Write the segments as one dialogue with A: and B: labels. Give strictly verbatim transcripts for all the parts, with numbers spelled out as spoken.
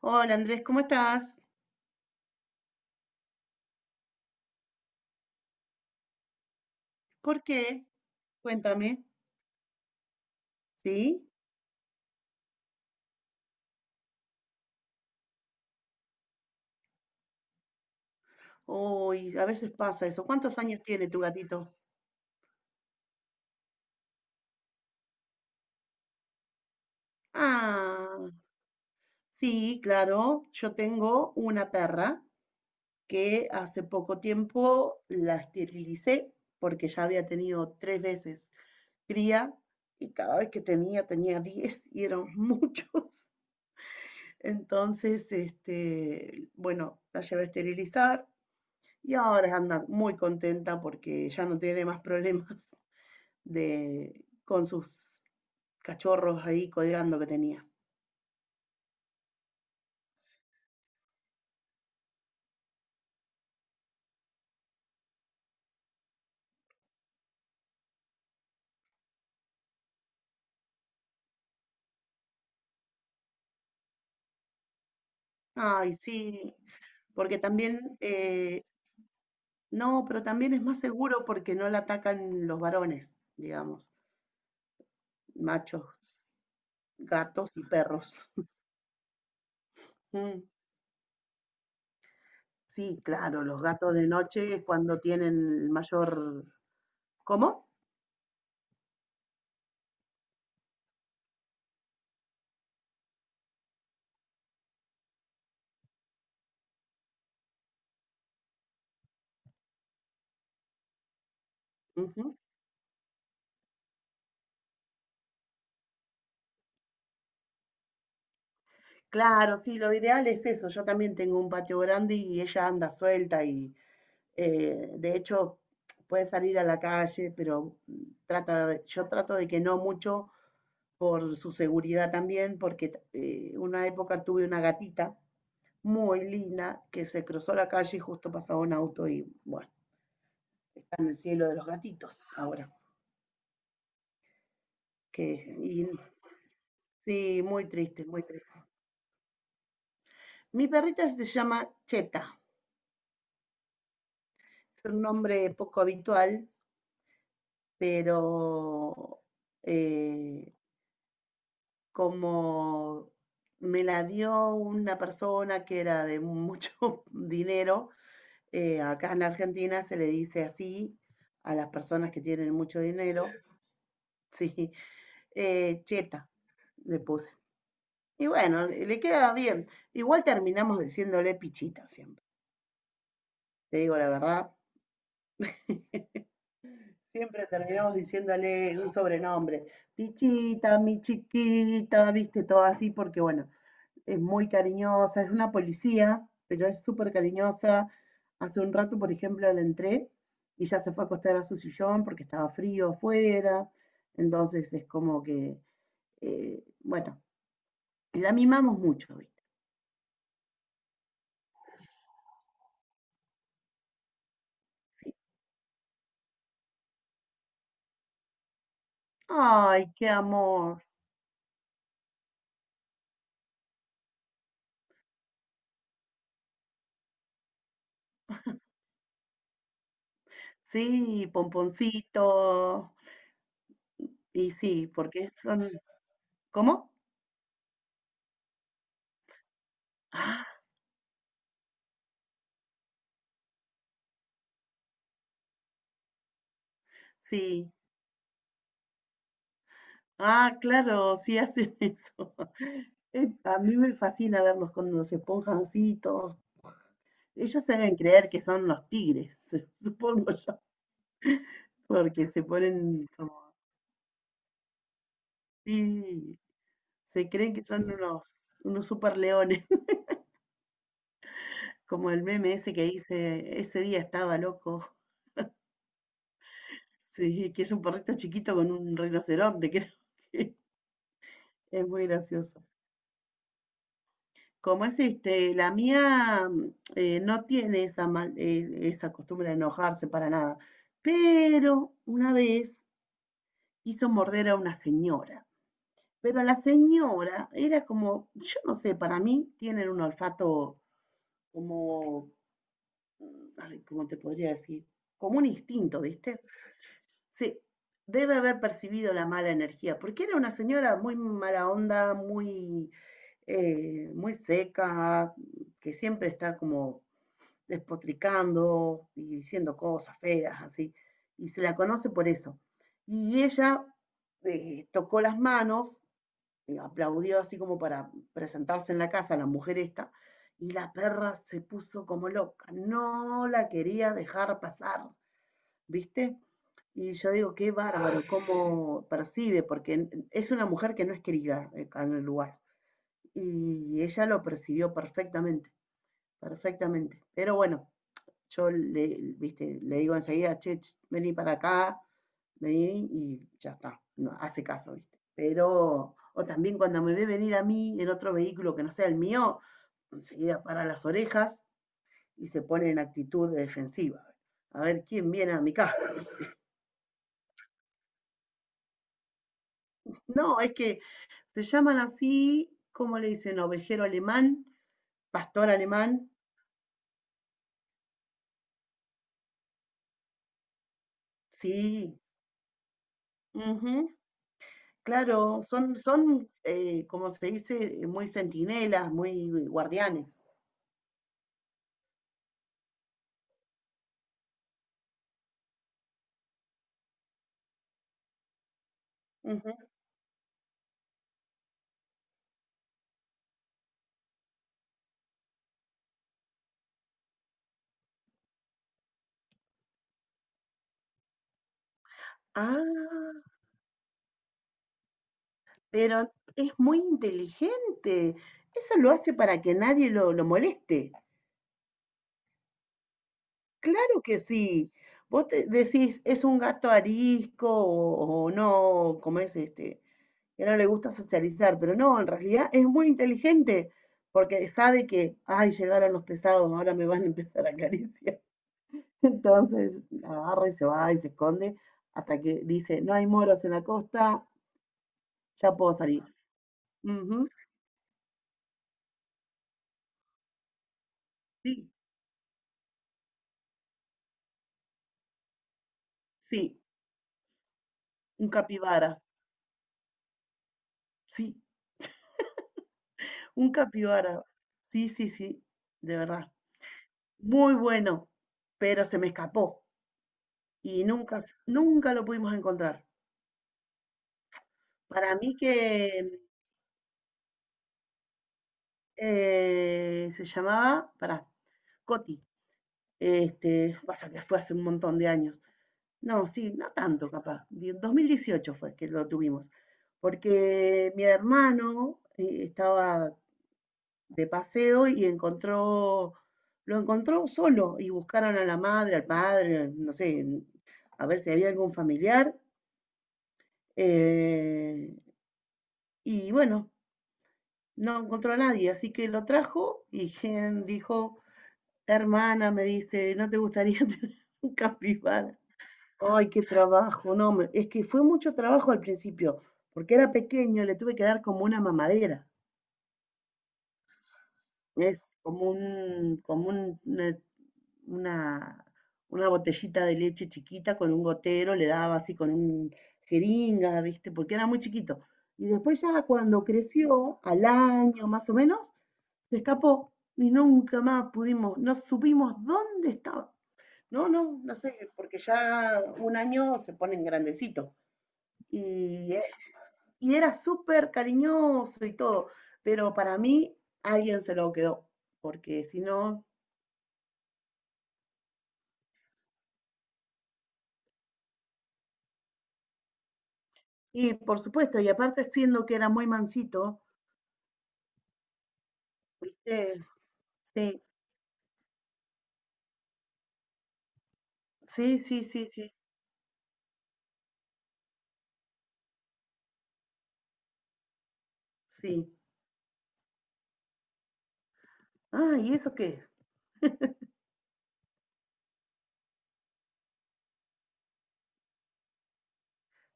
A: Hola Andrés, ¿cómo estás? ¿Por qué? Cuéntame, ¿sí? Uy, a veces pasa eso. ¿Cuántos años tiene tu gatito? Ah, sí, claro. Yo tengo una perra que hace poco tiempo la esterilicé porque ya había tenido tres veces cría y cada vez que tenía tenía diez y eran muchos. Entonces, este, bueno, la llevé a esterilizar. Y ahora anda muy contenta porque ya no tiene más problemas de, con sus cachorros ahí colgando que tenía. Ay, sí, porque también, eh, no, pero también es más seguro porque no la atacan los varones, digamos, machos, gatos y perros. Mm. Sí, claro, los gatos de noche es cuando tienen el mayor... ¿Cómo? Ujú. Claro, sí, lo ideal es eso. Yo también tengo un patio grande y ella anda suelta y Eh, de hecho, puede salir a la calle, pero mm, trata de- yo trato de que no mucho por su seguridad también, porque eh, una época tuve una gatita muy linda que se cruzó la calle y justo pasaba un auto y bueno, está en el cielo de los gatitos ahora. Que, y, sí, muy triste, muy triste. Mi perrita se llama Cheta, es un nombre poco habitual, pero eh, como me la dio una persona que era de mucho dinero, eh, acá en Argentina se le dice así a las personas que tienen mucho dinero. Sí, eh, cheta, le puse. Y bueno, le le queda bien. Igual terminamos diciéndole pichita siempre, te digo la verdad. Siempre terminamos diciéndole un sobrenombre. Pichita, mi chiquita, viste, todo así, porque bueno, es muy cariñosa, es una policía, pero es súper cariñosa. Hace un rato, por ejemplo, la entré y ya se fue a acostar a su sillón porque estaba frío afuera. Entonces es como que, eh, bueno, la mimamos mucho, ¿viste? Ay, qué amor. Sí, pomponcito. Y sí, porque son, ¿cómo? Ah, sí. Ah, claro, sí hacen eso. Es- A mí me fascina verlos cuando se esponjan así, todos. Ellos deben creer que son los tigres, supongo yo, porque se ponen como, sí, se creen que son unos, unos super leones, como el meme ese que dice, ese día estaba loco, sí, que es un perrito chiquito con un rinoceronte, creo. Es muy gracioso. Como es este, la mía mm, eh, no tiene esa, mal- eh, esa costumbre de enojarse para nada, pero una vez hizo morder a una señora. Pero la señora era como, yo no sé, para mí tienen un olfato como, ay, ¿cómo te podría decir? Como un instinto, ¿viste? Sí, debe haber percibido la mala energía, porque era una señora muy mala onda, muy, eh, muy seca, que siempre está como despotricando y diciendo cosas feas, así. Y se la conoce por eso. Y ella eh, tocó las manos, eh, aplaudió así como para presentarse en la casa la mujer esta, y la perra se puso como loca, no la quería dejar pasar, ¿viste? Y yo digo, qué bárbaro, cómo percibe, porque es una mujer que no es querida eh, acá en el lugar. Y ella lo percibió perfectamente, perfectamente. Pero bueno, yo le, viste, le digo enseguida, che, ch, vení para acá, vení y ya está, no, hace caso, viste. Pero, o también cuando me ve venir a mí en otro vehículo que no sea el mío, enseguida para las orejas y se pone en actitud de defensiva. A ver quién viene a mi casa. No, es que se llaman así, ¿cómo le dicen? Ovejero alemán, pastor alemán, sí. Uh -huh. Claro, son, son eh, como se dice, eh, muy centinelas, muy guardianes. Ujú. Ah, pero es muy inteligente. Eso lo hace para que nadie lo, lo moleste. Claro que sí. Vos te decís, es un gato arisco o, o no, como es este, que no le gusta socializar, pero no, en realidad es muy inteligente porque sabe que, ay, llegaron los pesados, ahora me van a empezar a acariciar. Entonces agarra y se va y se esconde hasta que dice, no hay moros en la costa, ya puedo salir. Ujú, sí, sí, un capibara, sí, un capibara, sí, sí, sí, de verdad. Muy bueno, pero se me escapó y nunca, s- nunca lo pudimos encontrar. Para mí que eh, se llamaba, para Coti, este, pasa que fue hace un montón de años. No, sí, no tanto capaz. Die- dos mil dieciocho fue que lo tuvimos, porque mi hermano eh, estaba de paseo y encontró, lo encontró solo y buscaron a la madre, al padre, no sé, a ver si había algún familiar. eh, y bueno, no encontró a nadie, así que lo trajo y Gen dijo, hermana, me dice, ¿no te gustaría tener un capibara? Ay, qué trabajo. No, me- es que fue mucho trabajo al principio, porque era pequeño, le tuve que dar como una mamadera. Es como un, como un- una, una, una botellita de leche chiquita con un gotero, le daba así con un jeringa, ¿viste? Porque era muy chiquito. Y después ya cuando creció, al año más o menos, se escapó y nunca más pudimos, no supimos dónde estaba. No, no, no sé, porque ya un año se ponen grandecitos. Y y era súper cariñoso y todo, pero para mí alguien se lo quedó, porque si no, y por supuesto, y aparte siendo que era muy mansito, ¿viste? Sí, sí, sí, sí, sí, sí. Ah, ¿y eso qué es?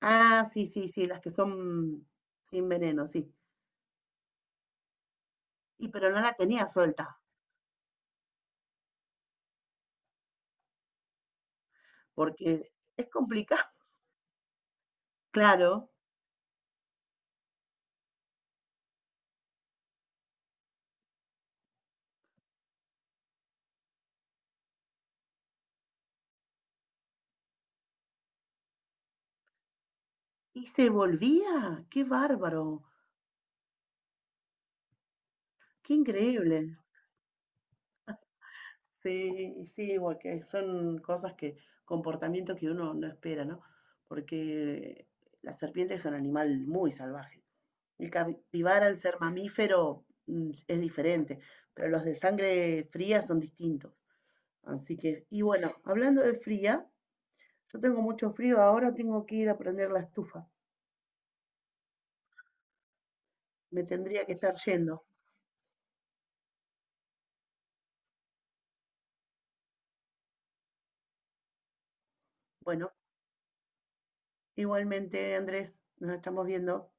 A: Ah, sí, sí, sí, las que son sin veneno, sí. Y pero no la tenía suelta, porque es complicado, claro. Y se volvía, qué bárbaro, qué increíble. Sí, y sí, porque son cosas que, comportamientos que uno no espera, ¿no? Porque la serpiente es un animal muy salvaje. El capibara, al ser mamífero, mm, es diferente, pero los de sangre fría son distintos. Así que, y bueno, hablando de fría, yo tengo mucho frío, ahora tengo que ir a prender la estufa. Me tendría que estar yendo. Bueno, igualmente, Andrés, nos estamos viendo.